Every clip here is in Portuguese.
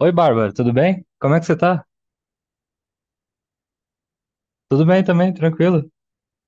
Oi, Bárbara, tudo bem? Como é que você tá? Tudo bem também, tranquilo.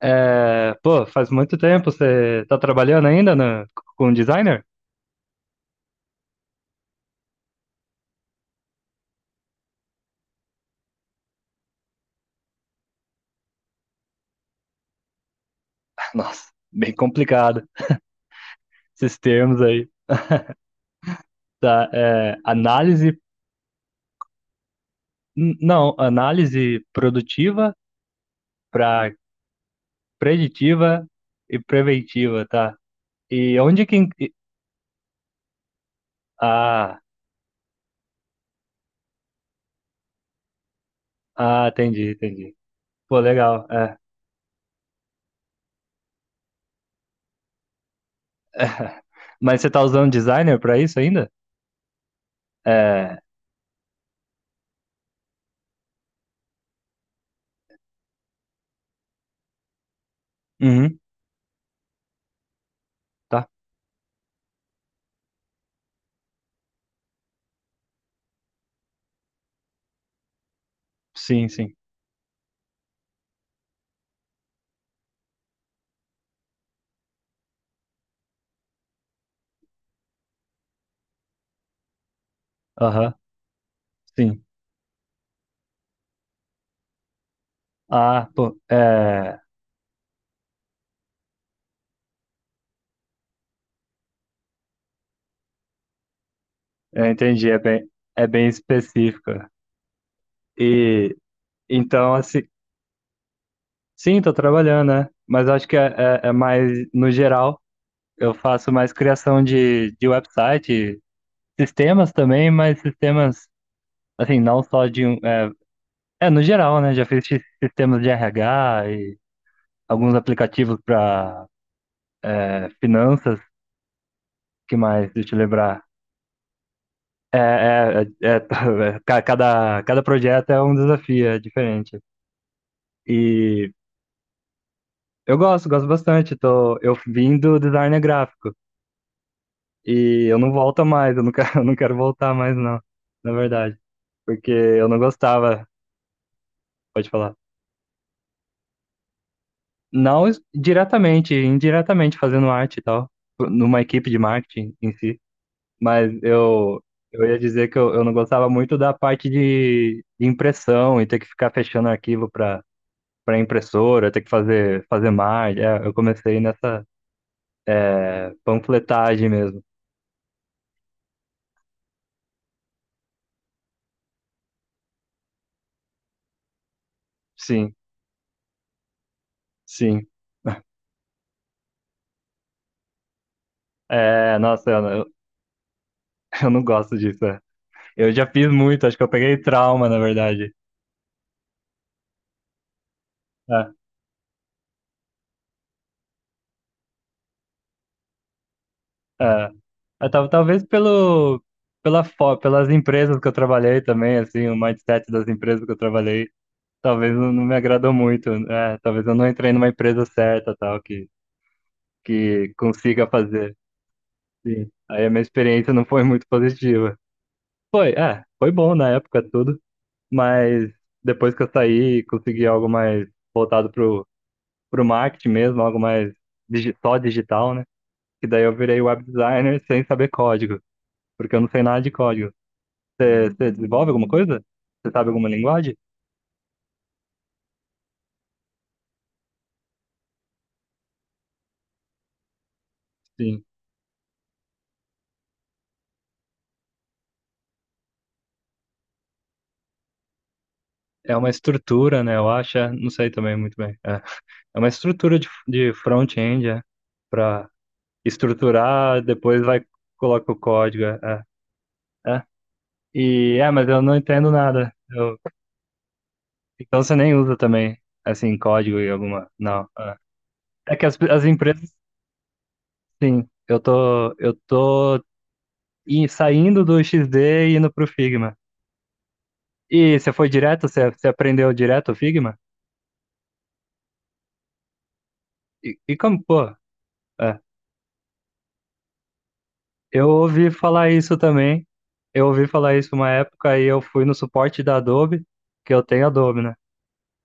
Pô, faz muito tempo você tá trabalhando com designer? Nossa, bem complicado esses termos aí. Tá, é, análise, não, análise produtiva para preditiva e preventiva, tá? E onde que... en- e- Ah, ah, entendi, entendi. Pô, legal, é. Mas você tá usando designer para isso ainda? É, uhum, tá, sim, sim, aham, sim. Ah, pô, eu entendi, é bem específico. E então, assim, sim, tô trabalhando, né? Mas é, é mais no geral. Eu faço mais criação de website, sistemas também, mas sistemas, assim, não só de um. É, no geral, né? Já fiz sistemas de RH e alguns aplicativos para finanças, que mais? Deixa eu lembrar. Cada projeto é um desafio, é diferente. E eu gosto, gosto bastante. Eu vim do design gráfico e eu não volto mais, eu não quero, eu não quero voltar mais, não, na verdade. Porque eu não gostava, pode falar. Não diretamente, indiretamente fazendo arte e tal, numa equipe de marketing em si. Mas eu ia dizer que eu não gostava muito da parte de impressão e ter que ficar fechando arquivo para impressora, ter que fazer, fazer mais. É, eu comecei nessa panfletagem mesmo. Sim, sim. É, nossa, eu eu não gosto disso, é. Eu já fiz muito, acho que eu peguei trauma, na verdade. É, é. Talvez pelo, pelas empresas que eu trabalhei também, assim, o mindset das empresas que eu trabalhei, talvez não me agradou muito. É, talvez eu não entrei numa empresa certa, tal, que consiga fazer. Sim. Aí a minha experiência não foi muito positiva. Foi, é, foi bom na época tudo, mas depois que eu saí, consegui algo mais voltado pro marketing mesmo, algo mais só digital, né? Que daí eu virei web designer sem saber código, porque eu não sei nada de código. Você desenvolve alguma coisa? Você sabe alguma linguagem? Sim. É uma estrutura, né? Eu acho, é, não sei também muito bem. É, é uma estrutura de front-end, é, para estruturar, depois vai coloca o código, é, é, é. Mas eu não entendo nada. Então você nem usa também, assim, código e alguma. Não. É, é que as empresas. Sim, eu tô saindo do XD e indo pro Figma. E você foi direto? Você aprendeu direto o Figma? E, e como, pô, é, eu ouvi falar isso também. Eu ouvi falar isso uma época e eu fui no suporte da Adobe, que eu tenho Adobe, né?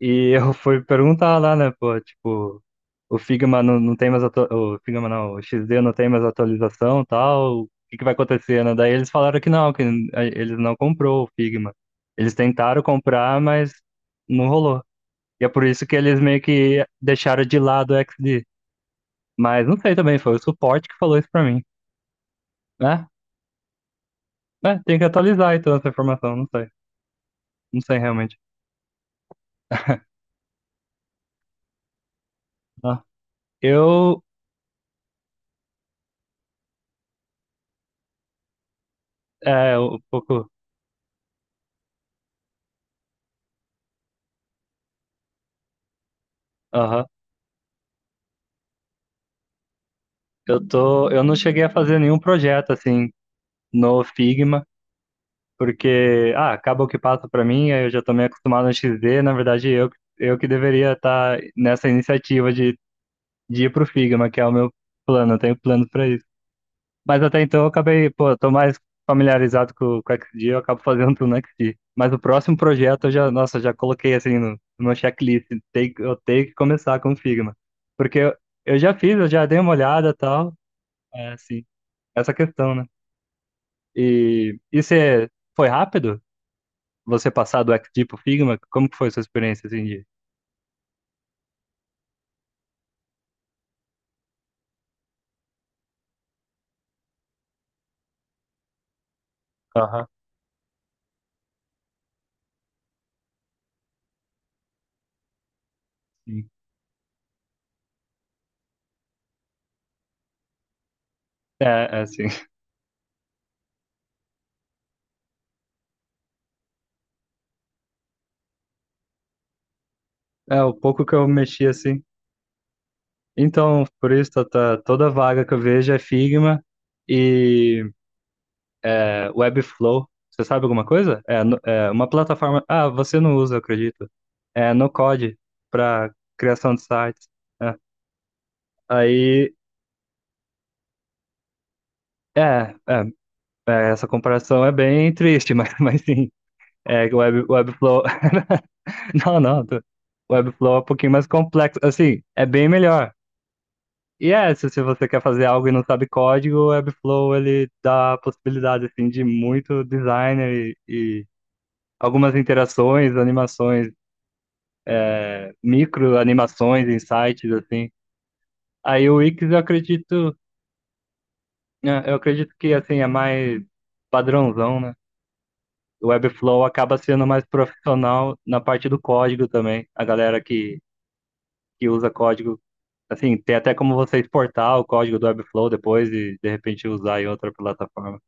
E eu fui perguntar lá, né, pô, tipo, o Figma não, o XD não tem mais atualização, e tal, o que que vai acontecer, né? Daí eles falaram que não, que eles não comprou o Figma. Eles tentaram comprar, mas não rolou. E é por isso que eles meio que deixaram de lado o XD. Mas não sei também, foi o suporte que falou isso pra mim, né? É, tem que atualizar então essa informação, não sei, não sei realmente. Ah, eu, é, um pouco, eu não cheguei a fazer nenhum projeto assim no Figma, porque ah, acaba o que passa para mim, aí eu já tô meio acostumado no XD, na verdade eu que deveria estar nessa iniciativa de ir pro Figma, que é o meu plano, eu tenho plano para isso. Mas até então eu acabei, pô, eu tô mais familiarizado com o XD, eu acabo fazendo tudo no XD. Mas o próximo projeto eu já, nossa, já coloquei assim no meu checklist, tem, eu tenho que começar com o Figma, porque eu já fiz, eu já dei uma olhada e tal, é assim, essa questão, né? E você foi rápido? Você passar do XG pro Figma? Como que foi sua experiência assim de. Aham, sim. É, é assim. É, o pouco que eu mexi assim. Então, por isso, toda vaga que eu vejo é Figma e é, Webflow. Você sabe alguma coisa? É, é uma plataforma. Ah, você não usa, eu acredito. É no Code para criação de sites. É. Aí, é, é, é, essa comparação é bem triste, mas sim. É, que o Webflow. Não, não, Webflow é um pouquinho mais complexo. Assim, é bem melhor. Se você quer fazer algo e não sabe código, o Webflow ele dá a possibilidade assim, de muito designer e algumas interações, animações, micro animações, insights, assim. Aí o Wix eu acredito, né, eu acredito que assim, é mais padrãozão, né? O Webflow acaba sendo mais profissional na parte do código também. A galera que usa código. Assim, tem até como você exportar o código do Webflow depois e de repente usar em outra plataforma.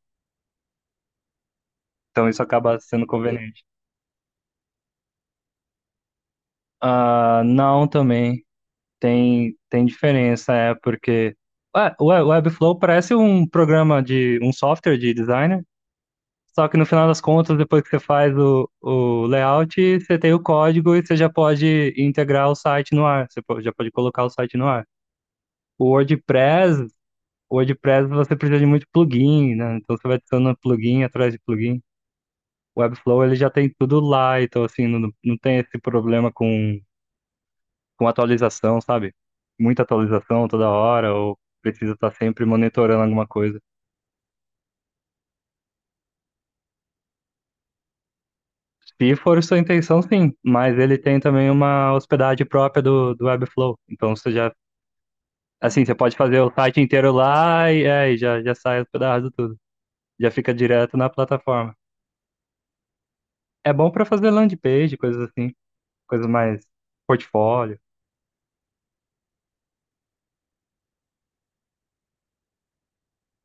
Então isso acaba sendo conveniente. Ah, não, também tem, tem diferença, é porque ah, o Webflow parece um programa de um software de designer, só que no final das contas, depois que você faz o layout, você tem o código e você já pode integrar o site no ar, já pode colocar o site no ar. O WordPress O WordPress você precisa de muito plugin, né? Então você vai adicionando plugin atrás de plugin. O Webflow ele já tem tudo lá, então assim, não, não tem esse problema com atualização, sabe? Muita atualização toda hora, ou precisa estar sempre monitorando alguma coisa. Se for sua intenção, sim, mas ele tem também uma hospedagem própria do Webflow. Então você já, assim, você pode fazer o site inteiro lá e aí já, já sai hospedado tudo. Já fica direto na plataforma. É bom para fazer landing page, coisas assim, coisas mais portfólio,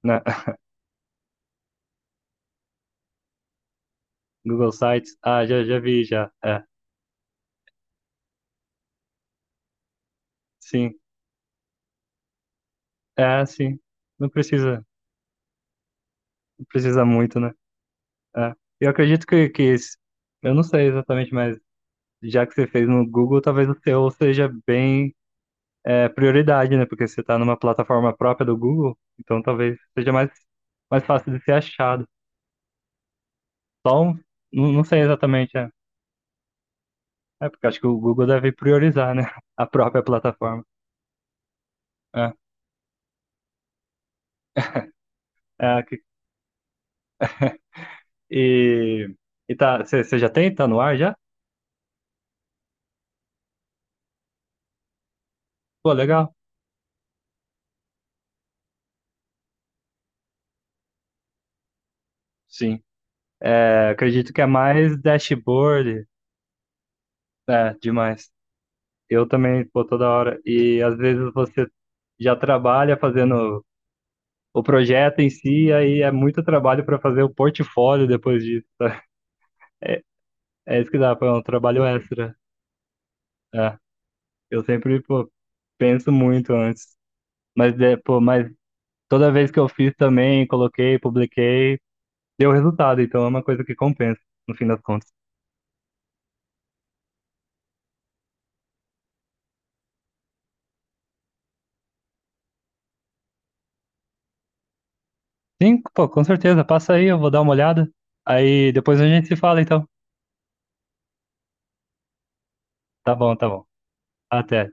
né? Google Sites. Ah, já, já vi, já. É, sim. É, sim. Não precisa, não precisa muito, né? É. Eu acredito que, eu não sei exatamente, mas já que você fez no Google, talvez o seu seja bem, é, prioridade, né? Porque você está numa plataforma própria do Google, então talvez seja mais, mais fácil de ser achado. Só um, não, não sei exatamente, é. É, porque acho que o Google deve priorizar, né? A própria plataforma. É, é. E, e tá, você já tem? Tá no ar já? Pô, legal. Sim. É, acredito que é mais dashboard, é, demais. Eu também, pô, toda hora. E às vezes você já trabalha fazendo o projeto em si, aí é muito trabalho para fazer o portfólio depois disso. É isso que dá, pô, é um trabalho extra. É, eu sempre, pô, penso muito antes. Mas, é, pô, mas toda vez que eu fiz também, coloquei, publiquei, deu resultado. Então é uma coisa que compensa, no fim das contas. Sim, pô, com certeza. Passa aí, eu vou dar uma olhada. Aí depois a gente se fala, então. Tá bom, tá bom. Até.